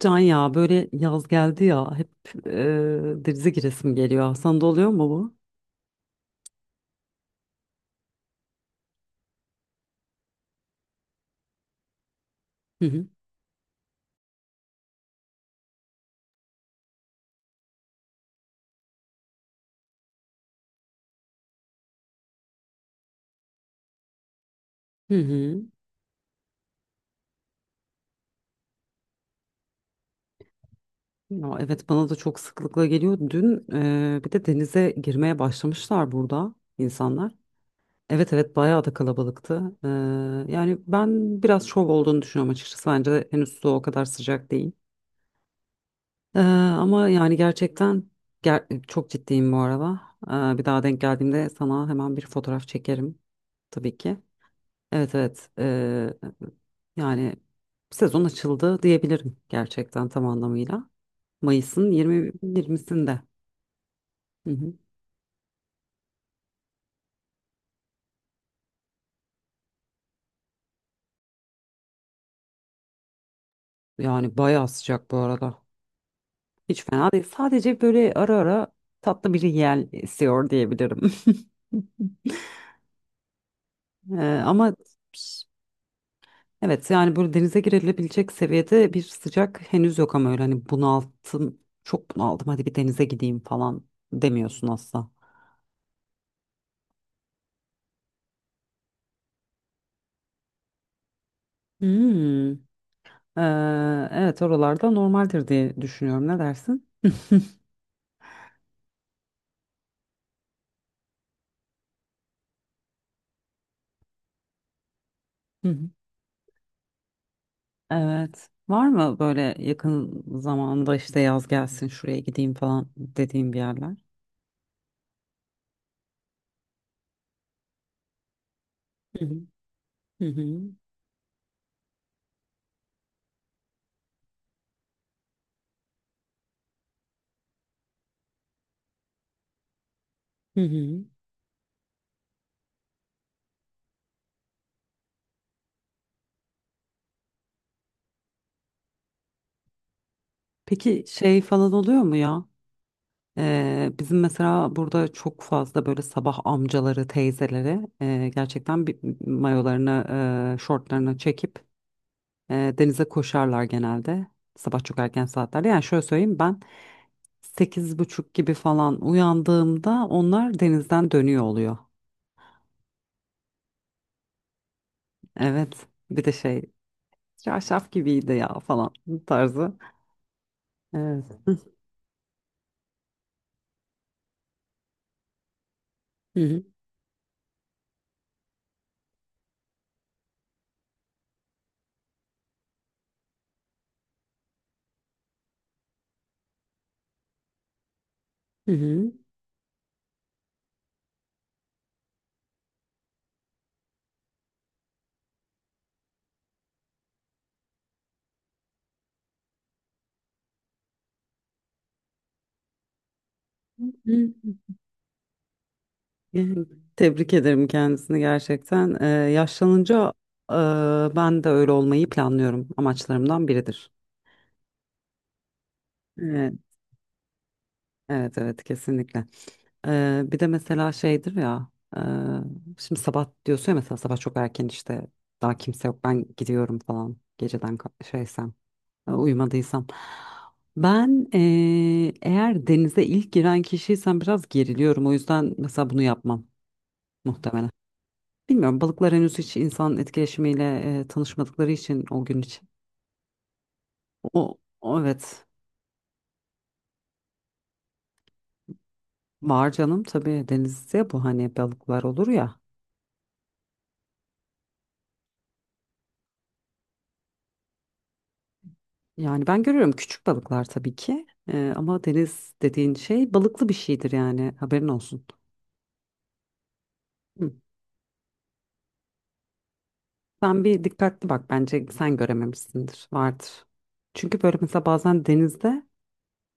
Can, ya böyle yaz geldi ya hep, e, denize giresim geliyor. Sana da oluyor mu bu? Hı hı. Hı hı. Ya, evet, bana da çok sıklıkla geliyor. Dün bir de denize girmeye başlamışlar burada insanlar. Evet, evet, bayağı da kalabalıktı. Yani ben biraz şov olduğunu düşünüyorum açıkçası. Bence henüz su o kadar sıcak değil. Ama yani gerçekten çok ciddiyim bu arada. Bir daha denk geldiğimde sana hemen bir fotoğraf çekerim, tabii ki. Evet, evet. Yani sezon açıldı diyebilirim gerçekten tam anlamıyla. Mayıs'ın 20'sinde. Hı hı. Yani bayağı sıcak bu arada. Hiç fena değil. Sadece böyle ara ara tatlı bir yel esiyor diyebilirim. Ee, Ama evet, yani böyle denize girilebilecek seviyede bir sıcak henüz yok ama öyle hani bunalttım, çok bunaldım, hadi bir denize gideyim falan demiyorsun asla. Hmm. Ee, evet, oralarda normaldir diye düşünüyorum. Ne dersin? Hı hı. Evet. Var mı böyle yakın zamanda işte yaz gelsin şuraya gideyim falan dediğim bir yerler? Hı hı. Hı hı. Hı hı. Peki şey falan oluyor mu ya? Bizim mesela burada çok fazla böyle sabah amcaları, teyzeleri gerçekten bir mayolarını, şortlarını çekip denize koşarlar genelde. Sabah çok erken saatlerde. Yani şöyle söyleyeyim, ben sekiz buçuk gibi falan uyandığımda onlar denizden dönüyor oluyor. Evet. Bir de şey, çarşaf gibiydi ya falan tarzı. Evet. Hı hı. Hı hı. Hı hı. Tebrik ederim kendisini gerçekten. Yaşlanınca e, ben de öyle olmayı planlıyorum. Amaçlarımdan biridir. Evet. Evet, evet, kesinlikle. Bir de mesela şeydir ya, e, şimdi sabah diyorsun ya mesela sabah çok erken işte daha kimse yok ben gidiyorum falan geceden şeysem, uyumadıysam. Ben eğer denize ilk giren kişiysem biraz geriliyorum, o yüzden mesela bunu yapmam muhtemelen. Bilmiyorum, balıklar henüz hiç insan etkileşimiyle tanışmadıkları için o gün için. O, o Evet, var canım, tabii denizde bu, hani balıklar olur ya. Yani ben görüyorum küçük balıklar tabii ki. Ama deniz dediğin şey balıklı bir şeydir yani, haberin olsun. Hı. Sen bir dikkatli bak, bence sen görememişsindir, vardır. Çünkü böyle mesela bazen denizde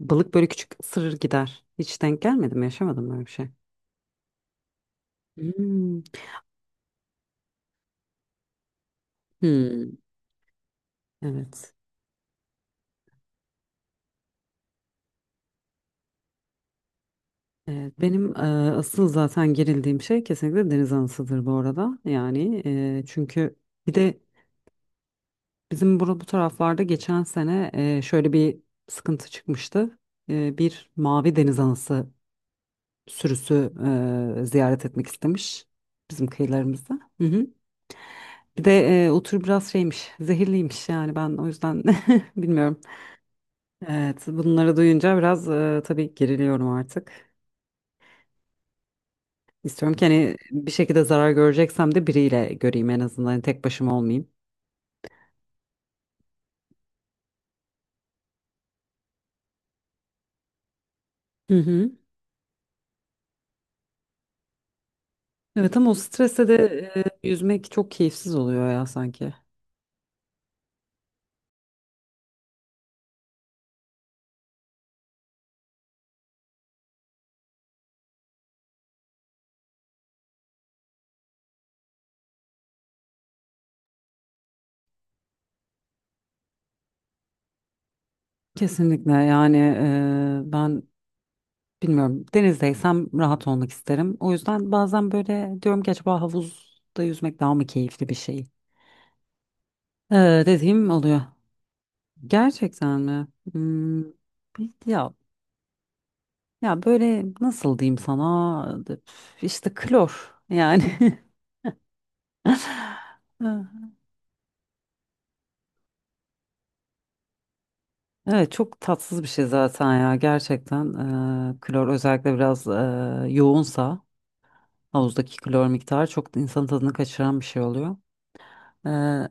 balık böyle küçük ısırır gider. Hiç denk gelmedi mi, yaşamadın mı öyle bir şey? Hmm. Hmm. Evet. Evet, benim asıl zaten gerildiğim şey kesinlikle deniz anasıdır bu arada. Yani çünkü bir de bizim bu taraflarda geçen sene şöyle bir sıkıntı çıkmıştı. Bir mavi deniz anası sürüsü ziyaret etmek istemiş bizim kıyılarımızda. Hı hı. Bir de o tür biraz şeymiş, zehirliymiş, yani ben o yüzden bilmiyorum. Evet, bunları duyunca biraz tabii geriliyorum artık. İstiyorum ki hani bir şekilde zarar göreceksem de biriyle göreyim, en azından hani tek başıma olmayayım. Hı hı. Evet, ama o streste de yüzmek çok keyifsiz oluyor ya sanki. Kesinlikle yani. Ben bilmiyorum, denizdeysem rahat olmak isterim. O yüzden bazen böyle diyorum ki, acaba havuzda yüzmek daha mı keyifli bir şey? Dediğim oluyor. Gerçekten mi? Hmm, bir- ya böyle nasıl diyeyim sana, üf, işte klor yani. Evet, çok tatsız bir şey zaten ya gerçekten. Klor özellikle biraz yoğunsa havuzdaki klor miktarı çok insanın tadını kaçıran bir şey oluyor. Ee,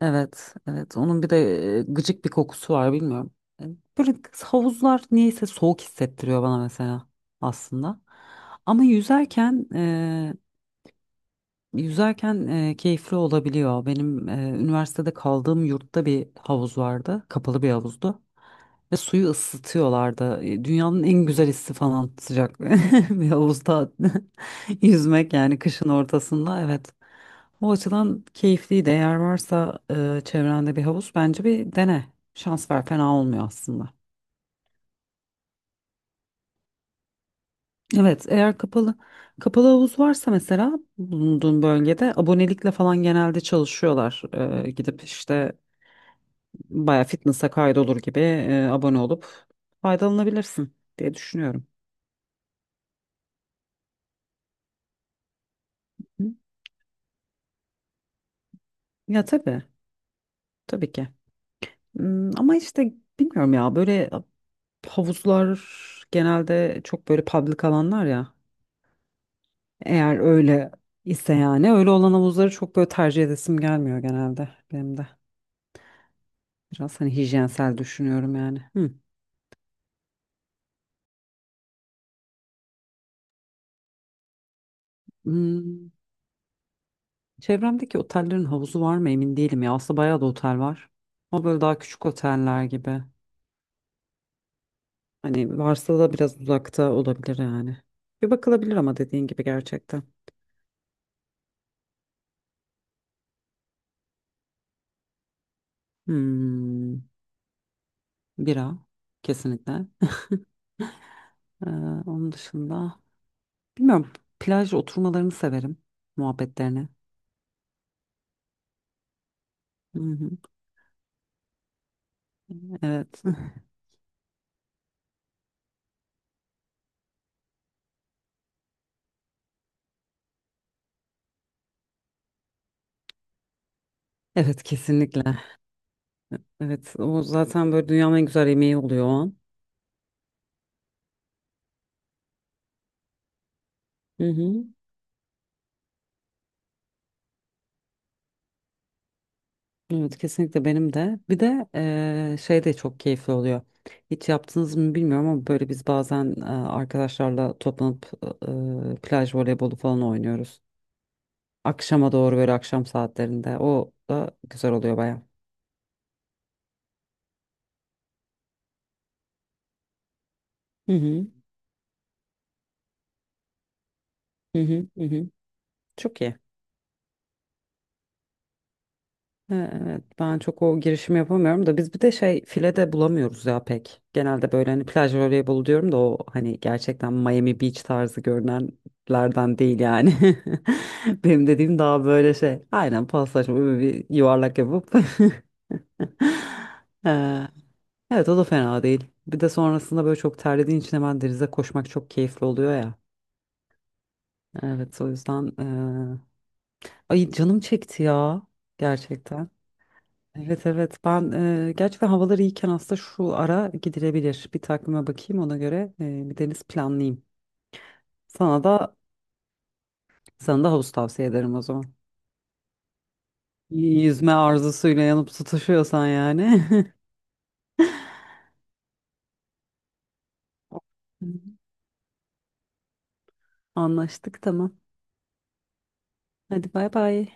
evet, evet. Onun bir de gıcık bir kokusu var, bilmiyorum. E, Böyle havuzlar niyeyse soğuk hissettiriyor bana mesela, aslında. Ama yüzerken keyifli olabiliyor. Benim üniversitede kaldığım yurtta bir havuz vardı. Kapalı bir havuzdu. Ve suyu ısıtıyorlardı. Dünyanın en güzel hissi falan, sıcak bir havuzda yüzmek, yani kışın ortasında. Evet. O açıdan keyifliydi. Eğer varsa çevrende bir havuz, bence bir dene. Şans ver, fena olmuyor aslında. Evet, eğer kapalı havuz varsa mesela bulunduğun bölgede abonelikle falan genelde çalışıyorlar. Gidip işte baya fitness'a kaydolur gibi abone olup faydalanabilirsin diye düşünüyorum. Hı? Ya, tabii, tabii ki. Hmm, ama işte bilmiyorum ya, böyle havuzlar genelde çok böyle public alanlar ya. Eğer öyle ise yani, öyle olan havuzları çok böyle tercih edesim gelmiyor genelde benim de. Biraz hani hijyensel düşünüyorum yani. Hı. Hmm. Çevremdeki otellerin havuzu var mı emin değilim ya. Aslında bayağı da otel var. Ama böyle daha küçük oteller gibi. Hani varsa da biraz uzakta olabilir yani. Bir bakılabilir ama dediğin gibi gerçekten. Hmm. Bira kesinlikle. Ee, Onun dışında bilmiyorum, plaj oturmalarını severim, muhabbetlerini. Hı hı. Evet. Evet, kesinlikle. Evet, o zaten böyle dünyanın en güzel yemeği oluyor o an. Hı hı. Evet, kesinlikle benim de. Bir de şey de çok keyifli oluyor. Hiç yaptınız mı bilmiyorum ama böyle biz bazen arkadaşlarla toplanıp plaj voleybolu falan oynuyoruz. Akşama doğru, böyle akşam saatlerinde. O da güzel oluyor baya. Hı hı. Hı hı. Hı hı. Çok iyi. Evet, ben çok o girişimi yapamıyorum da, biz bir de şey, file de bulamıyoruz ya pek. Genelde böyle hani plaj voleybolu diyorum da o hani gerçekten Miami Beach tarzı görünenlerden değil yani. Benim dediğim daha böyle şey. Aynen, paslaşma, böyle bir yuvarlak yapıp. Ee, evet, o da fena değil. Bir de sonrasında böyle çok terlediğin için hemen denize koşmak çok keyifli oluyor ya. Evet, o yüzden. Ay, canım çekti ya gerçekten. Evet, evet, ben gerçekten havalar iyiyken aslında şu ara gidilebilir. Bir takvime bakayım, ona göre bir deniz planlayayım. Sana da sana da havuz tavsiye ederim o zaman. İyi. Yüzme arzusuyla yanıp tutuşuyorsan yani. Anlaştık, tamam. Hadi bay bay.